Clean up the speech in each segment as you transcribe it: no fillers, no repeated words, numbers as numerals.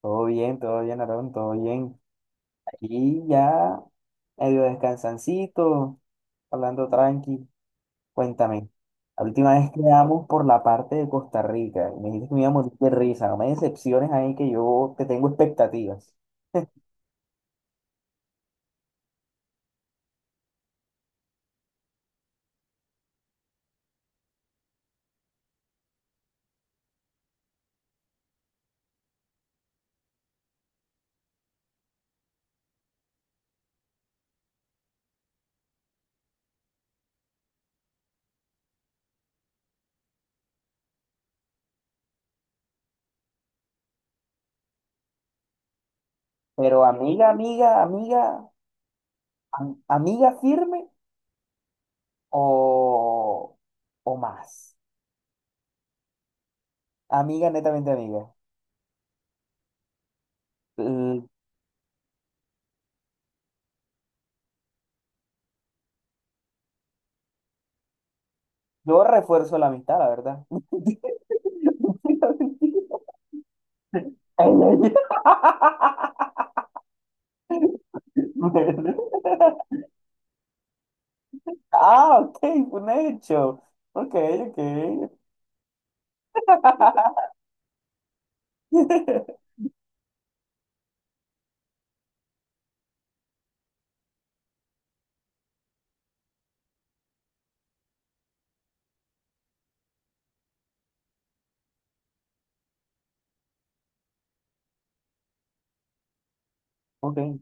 Todo bien, Aarón, todo bien. Aquí ya medio descansancito, hablando tranqui. Cuéntame, la última vez quedamos por la parte de Costa Rica y me dijiste que me iba a morir de risa. No me decepciones ahí que yo te tengo expectativas. Pero amiga, amiga, amiga, amiga firme o, o más. Amiga, netamente amiga. Mm. Yo refuerzo la amistad, la verdad. Mentira, mentira. Ah, ok, fue un hecho. Ok, ok. Ok,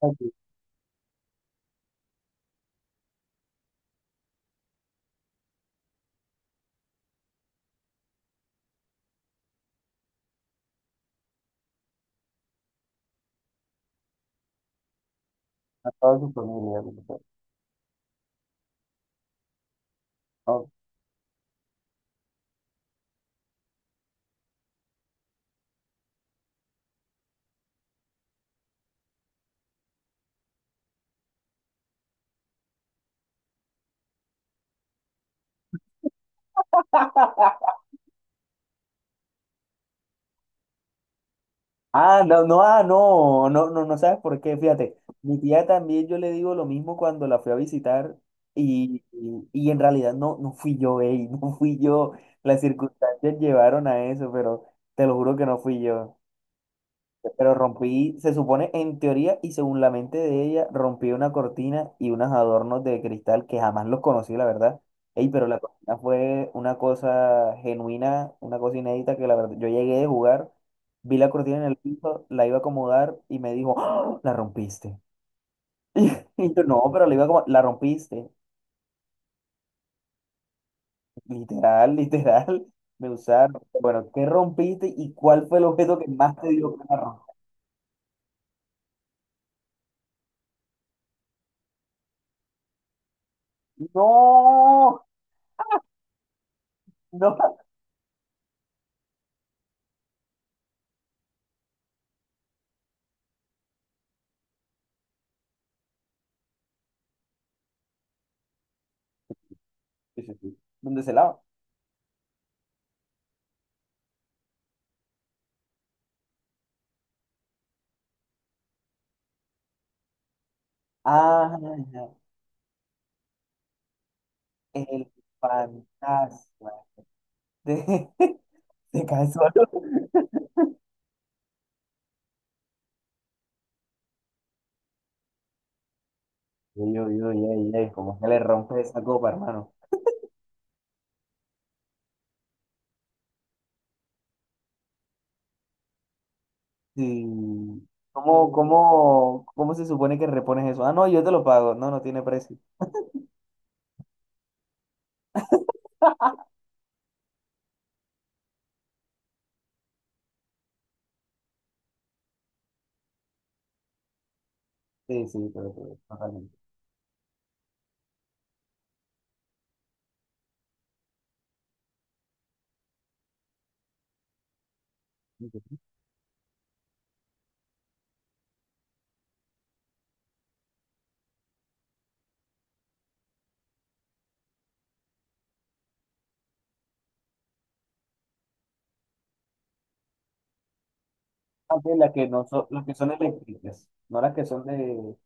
aquí, a toda su familia. Ok. Ah, no, no, ah, no, no, no, no sabes por qué, fíjate. Mi tía también yo le digo lo mismo cuando la fui a visitar y, y en realidad no, no fui yo, ey, no fui yo. Las circunstancias llevaron a eso, pero te lo juro que no fui yo. Pero rompí, se supone en teoría y según la mente de ella, rompí una cortina y unos adornos de cristal que jamás los conocí, la verdad. Ey, pero la cortina fue una cosa genuina, una cosa inédita que la verdad, yo llegué de jugar, vi la cortina en el piso, la iba a acomodar y me dijo, "¡Ah! La rompiste". Y yo, no, pero la iba como, la rompiste. Literal, literal, me usaron. Bueno, ¿qué rompiste y cuál fue el objeto que más te dio que la rompiste? No, no. Sí, sí, sí. ¿Dónde se lava? Ah, el fantasma de, de Cazuelo. Ey, ey, ey, ey, ey, ¿cómo es que le rompe esa copa, hermano? Sí. ¿Cómo, cómo, cómo se supone que repones eso? Ah, no, yo te lo pago. No, no tiene precio. Sí, sí, pero, totalmente. Ah, sí, las que no son, las que son eléctricas, no las que son de,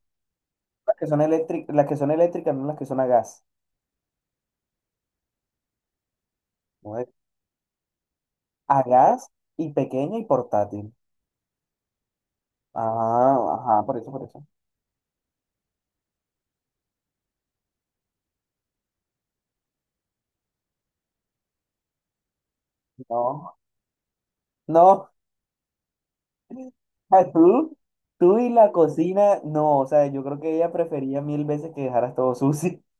las que son eléctricas, las que son eléctricas, no las que son a gas. ¿No? A gas y pequeña y portátil. Ah, ajá, por eso, por eso. No, no. Ah, tú y la cocina, no, o sea, yo creo que ella prefería mil veces que dejaras todo sucio.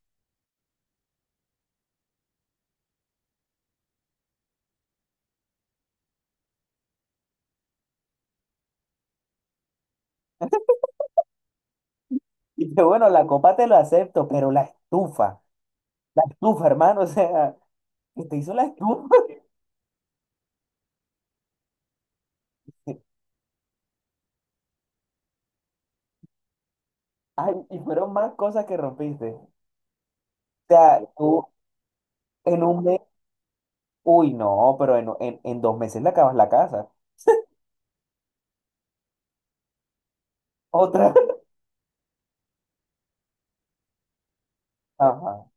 Y que bueno, la copa te lo acepto, pero la estufa, hermano, o sea, que te hizo la estufa. Ay, y fueron más cosas que rompiste. O sea, tú en un mes, uy, no, pero en, en dos meses le acabas la casa. Otra, ajá.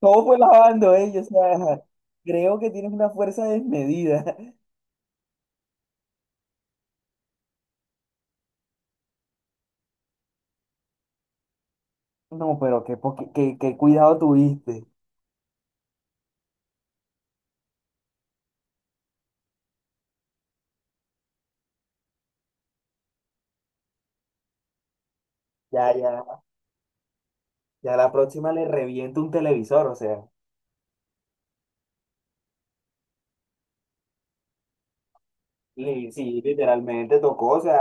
Todo fue lavando ellos, o sea, creo que tienes una fuerza desmedida. No, pero qué, qué, qué cuidado tuviste. Ya, ya, ya la próxima le reviento un televisor, o sea. Y sí, literalmente tocó, o sea,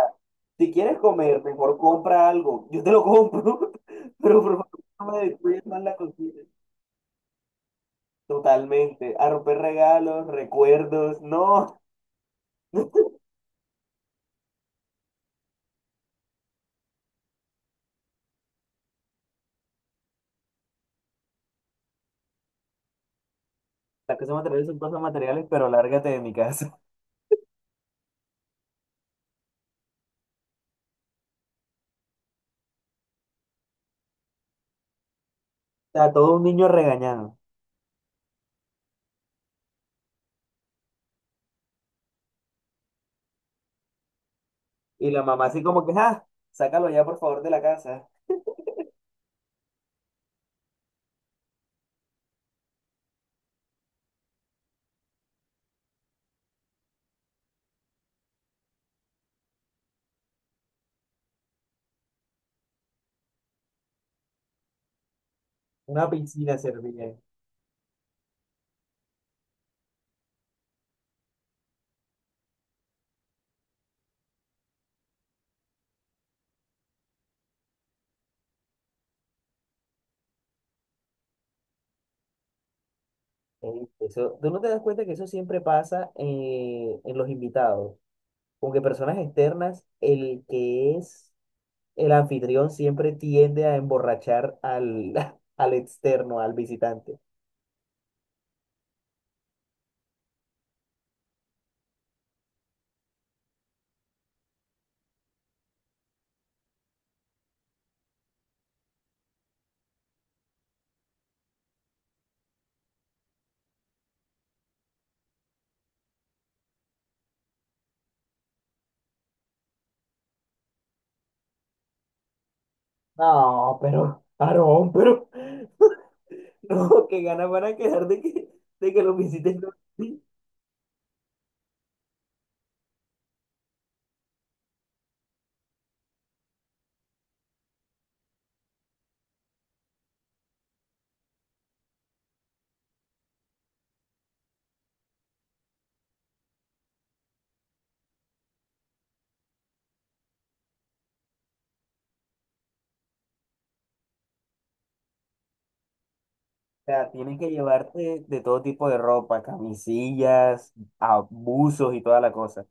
si quieres comer, mejor compra algo. Yo te lo compro, pero por favor no me descuides más la cocina. Totalmente. A romper regalos, recuerdos, no. Las cosas materiales son cosas materiales, pero lárgate de mi casa. O sea, todo un niño regañado. Y la mamá así como que, ah, sácalo ya por favor de la casa. Una piscina servía. Ey, eso, tú no te das cuenta que eso siempre pasa en los invitados. Como que personas externas, el que es el anfitrión siempre tiende a emborrachar al, al externo, al visitante. No, pero, Aarón, pero, no, que ganas van a quedar de que los visites. No. O sea, tienes que llevarte de todo tipo de ropa, camisillas, abusos y toda la cosa.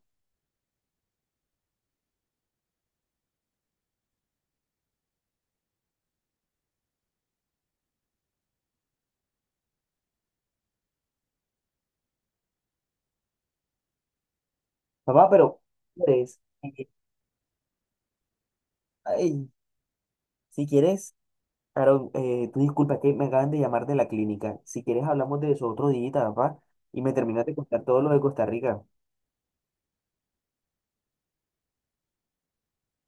Papá, pero, ¿si quieres? eh, Ay, si quieres. Aaron, tú disculpa, es que me acaban de llamar de la clínica. Si quieres hablamos de eso otro día, papá, y me terminas de contar todo lo de Costa Rica.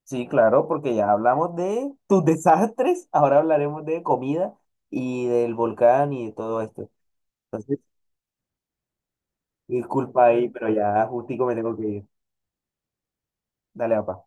Sí, claro, porque ya hablamos de tus desastres, ahora hablaremos de comida y del volcán y de todo esto. Entonces, disculpa ahí, pero ya justico me tengo que ir. Dale, papá.